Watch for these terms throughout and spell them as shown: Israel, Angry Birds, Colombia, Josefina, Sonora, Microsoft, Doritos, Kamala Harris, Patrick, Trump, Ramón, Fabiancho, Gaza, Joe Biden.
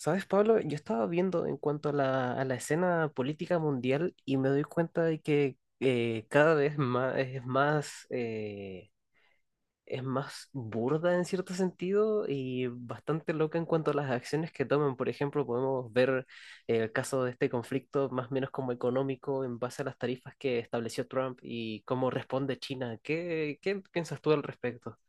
¿Sabes, Pablo? Yo estaba viendo en cuanto a la escena política mundial y me doy cuenta de que cada vez más, es más burda en cierto sentido y bastante loca en cuanto a las acciones que toman. Por ejemplo, podemos ver el caso de este conflicto más o menos como económico en base a las tarifas que estableció Trump y cómo responde China. ¿Qué piensas tú al respecto?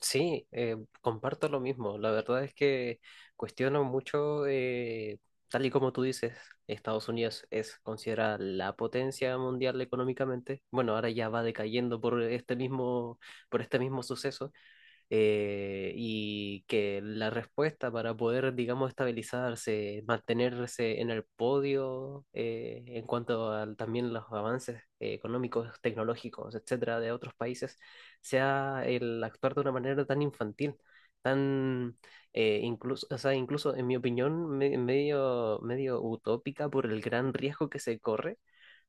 Sí, comparto lo mismo. La verdad es que cuestiono mucho, tal y como tú dices, Estados Unidos es considerada la potencia mundial económicamente. Bueno, ahora ya va decayendo por este mismo suceso, y que la respuesta para poder, digamos, estabilizarse, mantenerse en el podio en cuanto a también los avances económicos, tecnológicos, etcétera, de otros países, sea el actuar de una manera tan infantil, tan incluso, o sea, incluso en mi opinión, medio, medio utópica por el gran riesgo que se corre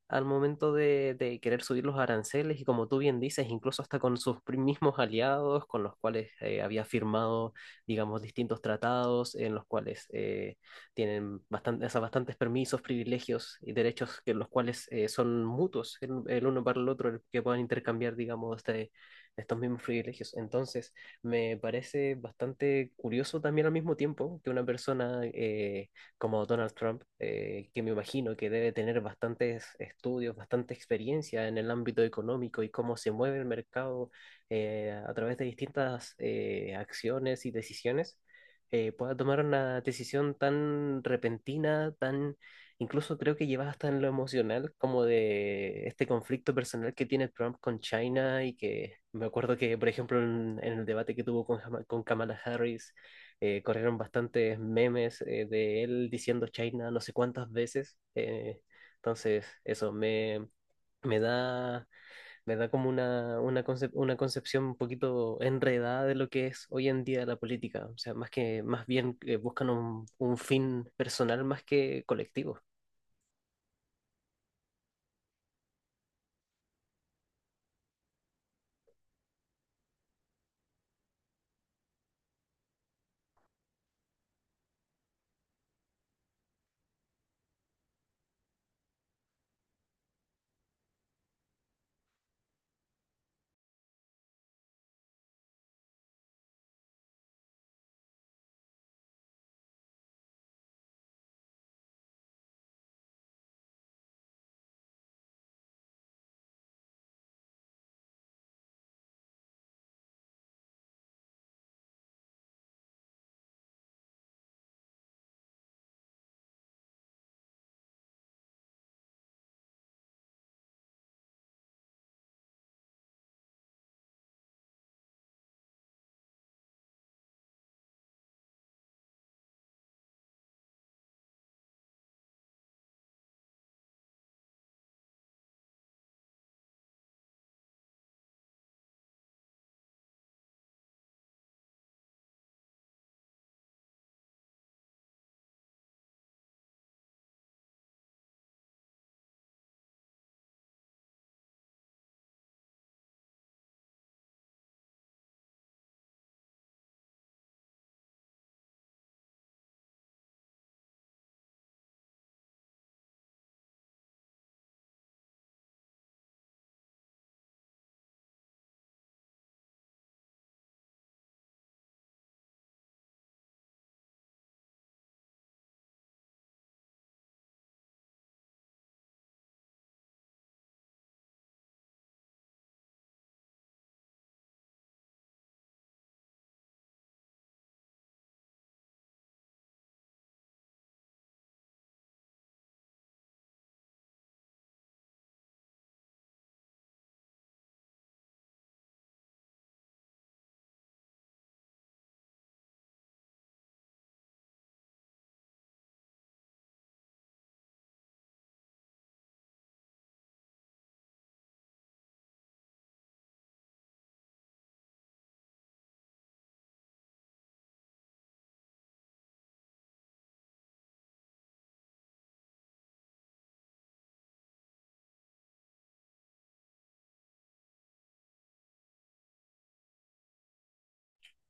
al momento de querer subir los aranceles y como tú bien dices, incluso hasta con sus mismos aliados con los cuales había firmado, digamos, distintos tratados en los cuales tienen o sea, bastantes permisos, privilegios y derechos que los cuales son mutuos el uno para el otro, el que puedan intercambiar, digamos, estos mismos privilegios. Entonces, me parece bastante curioso también al mismo tiempo que una persona como Donald Trump, que me imagino que debe tener bastantes estudios, bastante experiencia en el ámbito económico y cómo se mueve el mercado a través de distintas acciones y decisiones, pueda tomar una decisión tan repentina, tan incluso creo que lleva hasta en lo emocional, como de este conflicto personal que tiene Trump con China y que me acuerdo que, por ejemplo, en el debate que tuvo con, con Kamala Harris, corrieron bastantes memes de él diciendo China no sé cuántas veces. Entonces, me da, me da como una, una concepción un poquito enredada de lo que es hoy en día la política. O sea, más que, más bien buscan un fin personal más que colectivo.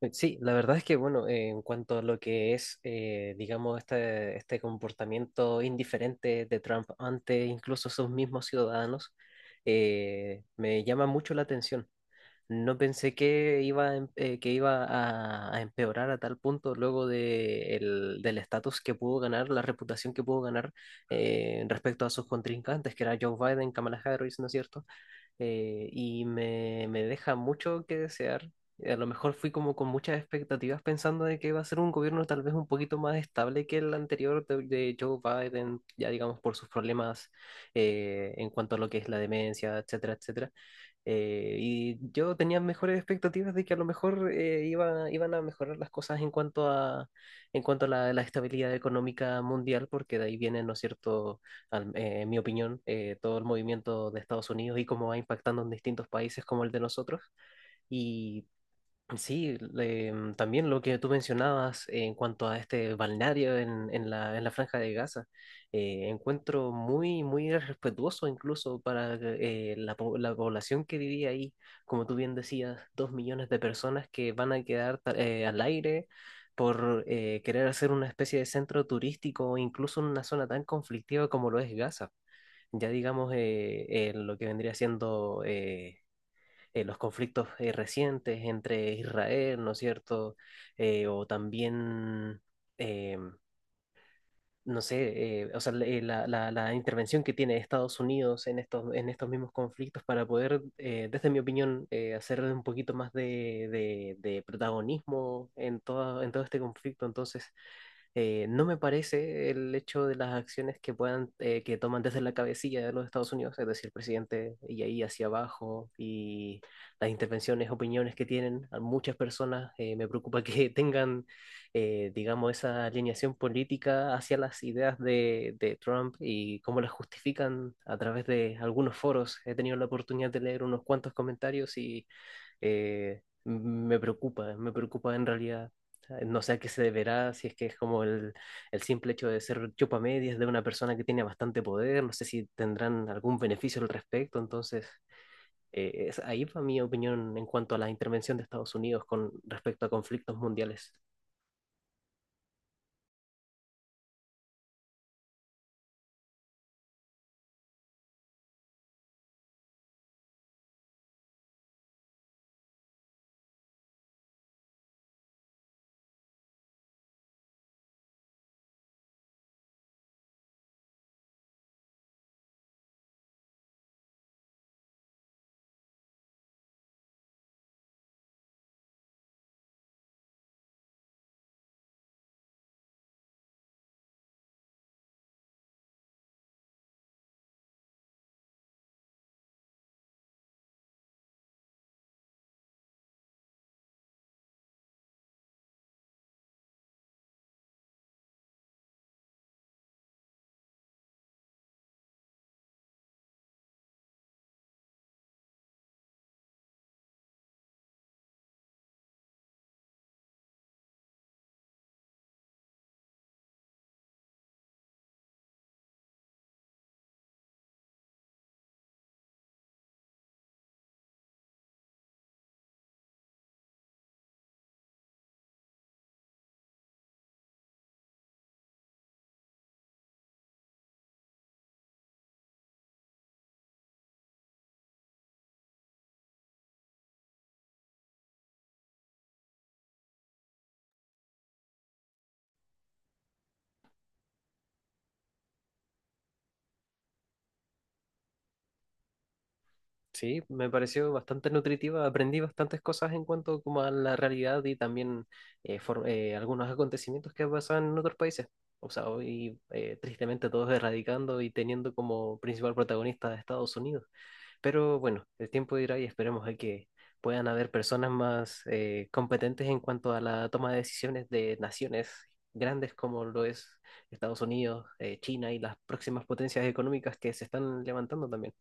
Sí, la verdad es que, bueno, en cuanto a lo que es, digamos, este comportamiento indiferente de Trump ante incluso sus mismos ciudadanos, me llama mucho la atención. No pensé que que iba a empeorar a tal punto luego del estatus que pudo ganar, la reputación que pudo ganar respecto a sus contrincantes, que era Joe Biden, Kamala Harris, ¿no es cierto? Y me deja mucho que desear. A lo mejor fui como con muchas expectativas pensando de que iba a ser un gobierno tal vez un poquito más estable que el anterior de Joe Biden, ya digamos por sus problemas en cuanto a lo que es la demencia, etcétera, etcétera. Y yo tenía mejores expectativas de que a lo mejor iban a mejorar las cosas en cuanto a la estabilidad económica mundial, porque de ahí vienen, ¿no es cierto?, en mi opinión, todo el movimiento de Estados Unidos y cómo va impactando en distintos países como el de nosotros. Y sí, también lo que tú mencionabas en cuanto a este balneario en en la Franja de Gaza, encuentro muy, muy respetuoso incluso para la población que vivía ahí, como tú bien decías, 2 millones de personas que van a quedar al aire, por querer hacer una especie de centro turístico, incluso en una zona tan conflictiva como lo es Gaza, ya digamos lo que vendría siendo los conflictos recientes entre Israel, ¿no es cierto? O también, eh, no sé, o sea, la intervención que tiene Estados Unidos en estos mismos conflictos para poder, desde mi opinión, hacer un poquito más de, de protagonismo en todo este conflicto. Entonces, no me parece el hecho de las acciones que puedan, que toman desde la cabecilla de los Estados Unidos, es decir, el presidente y ahí hacia abajo, y las intervenciones, opiniones que tienen a muchas personas, me preocupa que tengan, digamos, esa alineación política hacia las ideas de Trump y cómo las justifican a través de algunos foros. He tenido la oportunidad de leer unos cuantos comentarios y me preocupa en realidad. No sé a qué se deberá, si es que es como el simple hecho de ser chupamedias de una persona que tiene bastante poder, no sé si tendrán algún beneficio al respecto. Entonces, ahí va mi opinión en cuanto a la intervención de Estados Unidos con respecto a conflictos mundiales. Sí, me pareció bastante nutritiva, aprendí bastantes cosas en cuanto como a la realidad y también algunos acontecimientos que pasaban en otros países. O sea, hoy tristemente todos erradicando y teniendo como principal protagonista a Estados Unidos. Pero bueno, el tiempo dirá y esperemos a que puedan haber personas más competentes en cuanto a la toma de decisiones de naciones grandes como lo es Estados Unidos, China y las próximas potencias económicas que se están levantando también.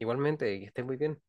Igualmente, que estén muy bien.